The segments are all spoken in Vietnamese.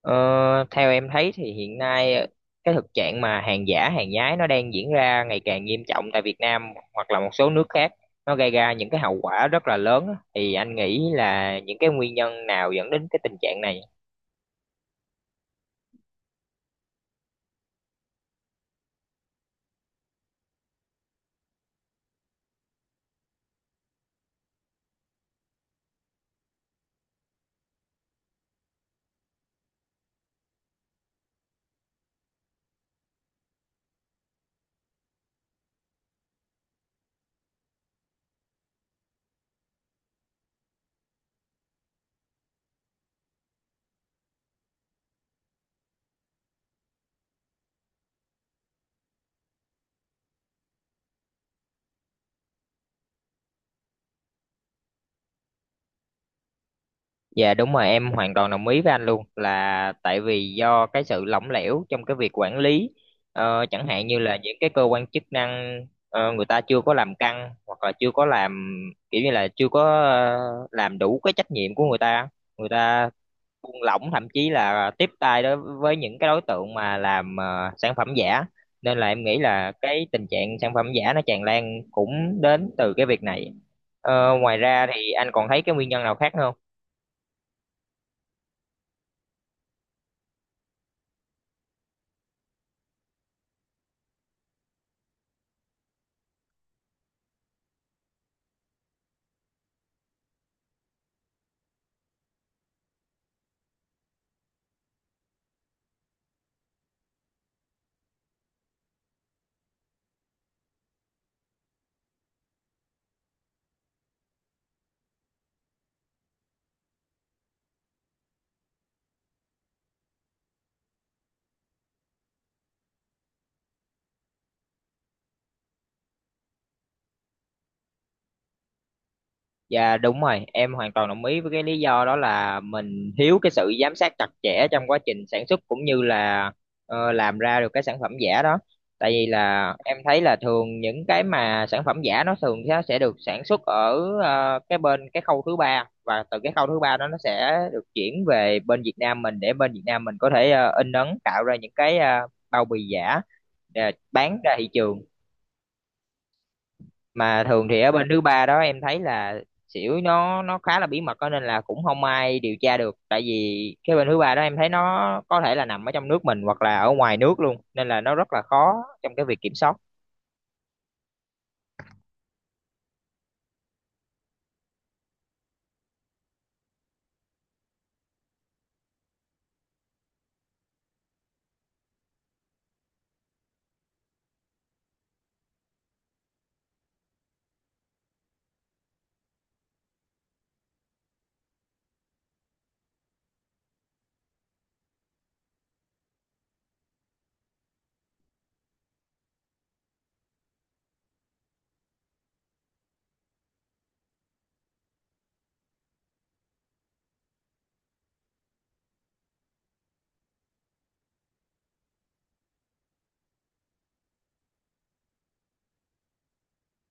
Ờ, theo em thấy thì hiện nay cái thực trạng mà hàng giả, hàng nhái nó đang diễn ra ngày càng nghiêm trọng tại Việt Nam hoặc là một số nước khác. Nó gây ra những cái hậu quả rất là lớn á. Thì anh nghĩ là những cái nguyên nhân nào dẫn đến cái tình trạng này? Dạ đúng rồi, em hoàn toàn đồng ý với anh luôn là tại vì do cái sự lỏng lẻo trong cái việc quản lý. Chẳng hạn như là những cái cơ quan chức năng người ta chưa có làm căng hoặc là chưa có làm, kiểu như là chưa có ờ, làm đủ cái trách nhiệm của người ta, người ta buông lỏng, thậm chí là tiếp tay đối với những cái đối tượng mà làm sản phẩm giả, nên là em nghĩ là cái tình trạng sản phẩm giả nó tràn lan cũng đến từ cái việc này. Ngoài ra thì anh còn thấy cái nguyên nhân nào khác nữa không? Dạ đúng rồi, em hoàn toàn đồng ý với cái lý do đó là mình thiếu cái sự giám sát chặt chẽ trong quá trình sản xuất cũng như là làm ra được cái sản phẩm giả đó. Tại vì là em thấy là thường những cái mà sản phẩm giả nó thường nó sẽ được sản xuất ở cái bên cái khâu thứ ba, và từ cái khâu thứ ba đó nó sẽ được chuyển về bên Việt Nam mình để bên Việt Nam mình có thể in ấn tạo ra những cái bao bì giả để bán ra thị trường. Mà thường thì ở bên thứ ba đó em thấy là xỉu nó khá là bí mật đó, nên là cũng không ai điều tra được, tại vì cái bên thứ ba đó em thấy nó có thể là nằm ở trong nước mình hoặc là ở ngoài nước luôn, nên là nó rất là khó trong cái việc kiểm soát.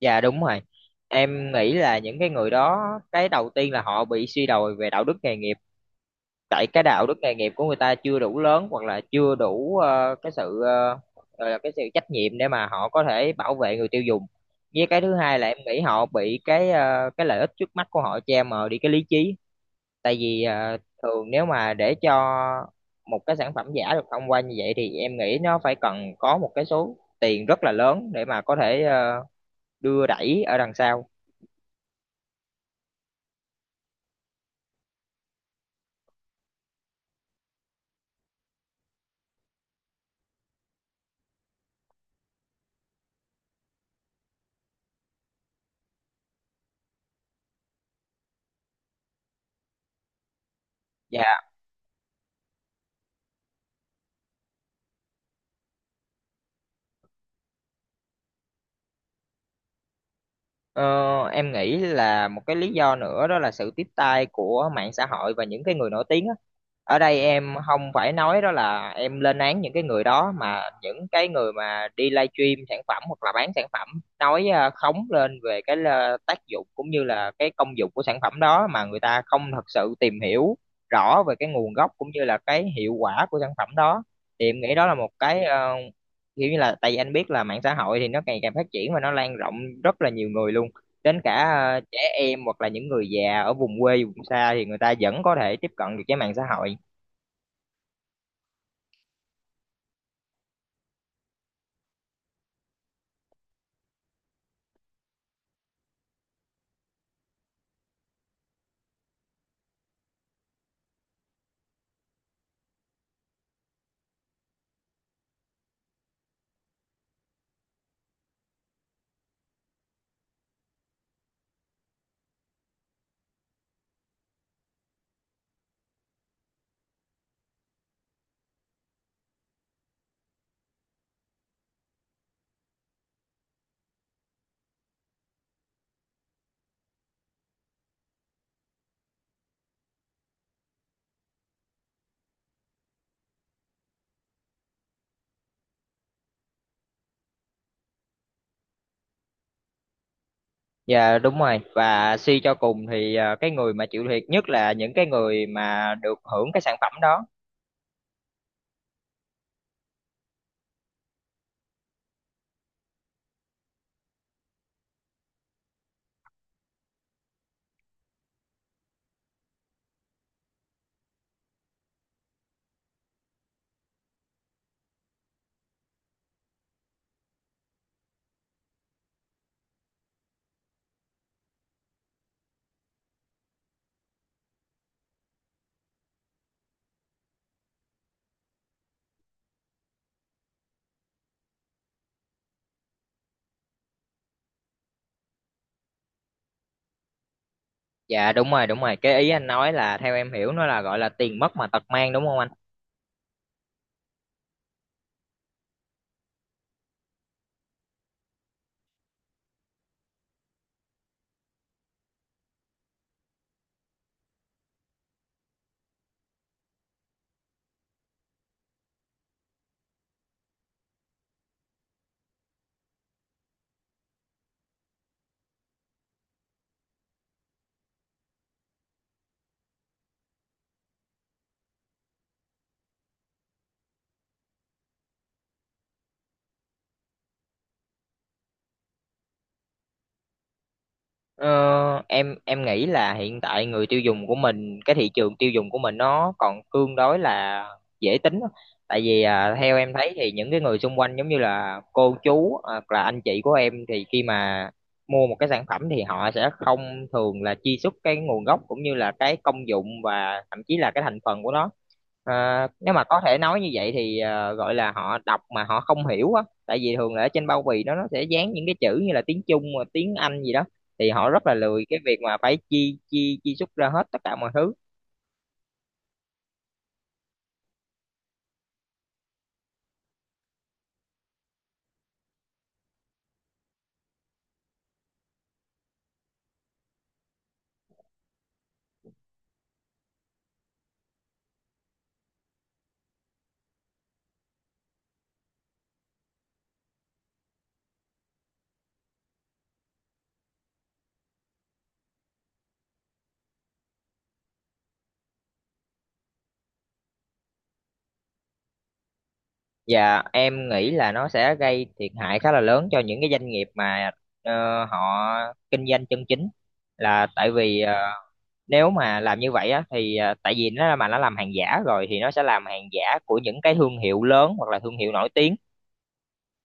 Dạ đúng rồi, em nghĩ là những cái người đó, cái đầu tiên là họ bị suy đồi về đạo đức nghề nghiệp, tại cái đạo đức nghề nghiệp của người ta chưa đủ lớn hoặc là chưa đủ cái sự gọi là cái sự trách nhiệm để mà họ có thể bảo vệ người tiêu dùng. Với cái thứ hai là em nghĩ họ bị cái cái lợi ích trước mắt của họ che mờ đi cái lý trí, tại vì thường nếu mà để cho một cái sản phẩm giả được thông qua như vậy thì em nghĩ nó phải cần có một cái số tiền rất là lớn để mà có thể đưa đẩy ở đằng sau. và Ờ, em nghĩ là một cái lý do nữa đó là sự tiếp tay của mạng xã hội và những cái người nổi tiếng á. Ở đây em không phải nói đó là em lên án những cái người đó, mà những cái người mà đi livestream sản phẩm hoặc là bán sản phẩm nói khống lên về cái tác dụng cũng như là cái công dụng của sản phẩm đó, mà người ta không thật sự tìm hiểu rõ về cái nguồn gốc cũng như là cái hiệu quả của sản phẩm đó. Thì em nghĩ đó là một cái kiểu như là, tại vì anh biết là mạng xã hội thì nó ngày càng phát triển và nó lan rộng rất là nhiều người luôn, đến cả trẻ em hoặc là những người già ở vùng quê vùng xa thì người ta vẫn có thể tiếp cận được với mạng xã hội. Dạ đúng rồi, và suy cho cùng thì cái người mà chịu thiệt nhất là những cái người mà được hưởng cái sản phẩm đó. Dạ đúng rồi, đúng rồi, cái ý anh nói là theo em hiểu nó là gọi là tiền mất mà tật mang, đúng không anh? Em nghĩ là hiện tại người tiêu dùng của mình, cái thị trường tiêu dùng của mình nó còn tương đối là dễ tính á. Tại vì à, theo em thấy thì những cái người xung quanh giống như là cô chú hoặc là anh chị của em thì khi mà mua một cái sản phẩm thì họ sẽ không thường là truy xuất cái nguồn gốc cũng như là cái công dụng và thậm chí là cái thành phần của nó. À, nếu mà có thể nói như vậy thì à, gọi là họ đọc mà họ không hiểu á, tại vì thường là ở trên bao bì nó sẽ dán những cái chữ như là tiếng Trung, tiếng Anh gì đó, thì họ rất là lười cái việc mà phải chi chi chi xuất ra hết tất cả mọi thứ. Và em nghĩ là nó sẽ gây thiệt hại khá là lớn cho những cái doanh nghiệp mà họ kinh doanh chân chính, là tại vì nếu mà làm như vậy á thì tại vì nó mà nó làm hàng giả rồi thì nó sẽ làm hàng giả của những cái thương hiệu lớn hoặc là thương hiệu nổi tiếng,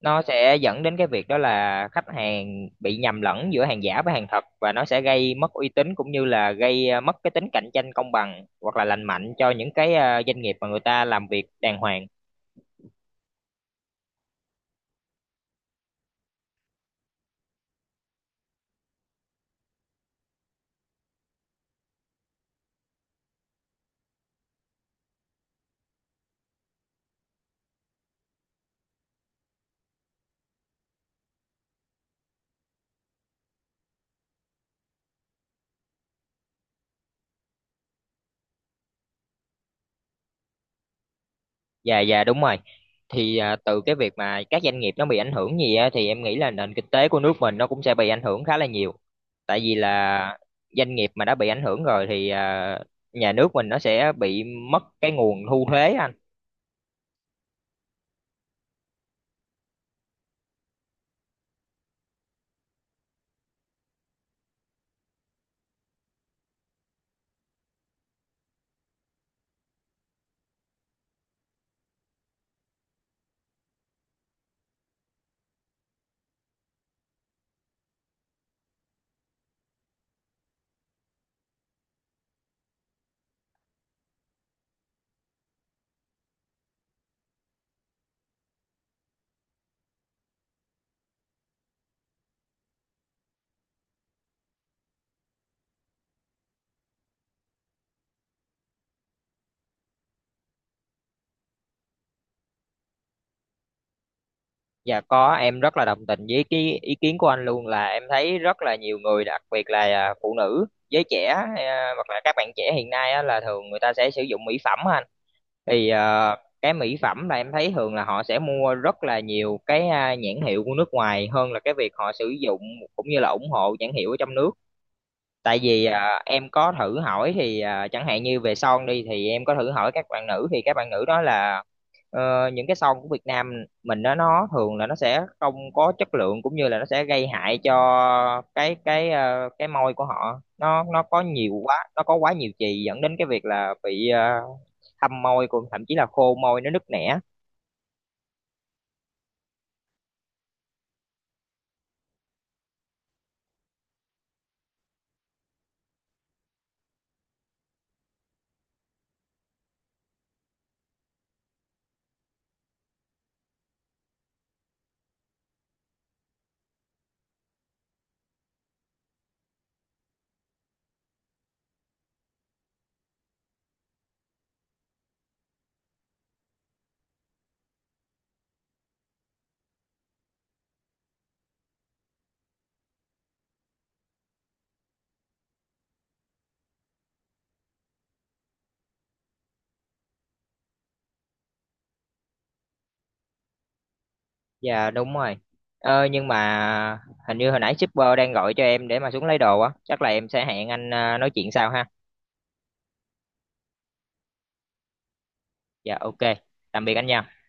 nó sẽ dẫn đến cái việc đó là khách hàng bị nhầm lẫn giữa hàng giả với hàng thật, và nó sẽ gây mất uy tín cũng như là gây mất cái tính cạnh tranh công bằng hoặc là lành mạnh cho những cái doanh nghiệp mà người ta làm việc đàng hoàng. Dạ dạ đúng rồi, thì từ cái việc mà các doanh nghiệp nó bị ảnh hưởng gì á, thì em nghĩ là nền kinh tế của nước mình nó cũng sẽ bị ảnh hưởng khá là nhiều, tại vì là doanh nghiệp mà đã bị ảnh hưởng rồi thì nhà nước mình nó sẽ bị mất cái nguồn thu thuế anh. Dạ có, em rất là đồng tình với cái ý kiến của anh luôn, là em thấy rất là nhiều người đặc biệt là à, phụ nữ, giới trẻ, à, hoặc là các bạn trẻ hiện nay á, là thường người ta sẽ sử dụng mỹ phẩm á anh. Thì à, cái mỹ phẩm là em thấy thường là họ sẽ mua rất là nhiều cái à, nhãn hiệu của nước ngoài hơn là cái việc họ sử dụng cũng như là ủng hộ nhãn hiệu ở trong nước. Tại vì à, em có thử hỏi thì à, chẳng hạn như về son đi thì em có thử hỏi các bạn nữ thì các bạn nữ đó là những cái son của Việt Nam mình đó nó thường là nó sẽ không có chất lượng cũng như là nó sẽ gây hại cho cái cái môi của họ, nó có nhiều quá, nó có quá nhiều chì dẫn đến cái việc là bị thâm môi cũng thậm chí là khô môi, nó nứt nẻ. Dạ đúng rồi. Nhưng mà hình như hồi nãy shipper đang gọi cho em để mà xuống lấy đồ á, chắc là em sẽ hẹn anh nói chuyện sau ha. Dạ ok. Tạm biệt anh nha.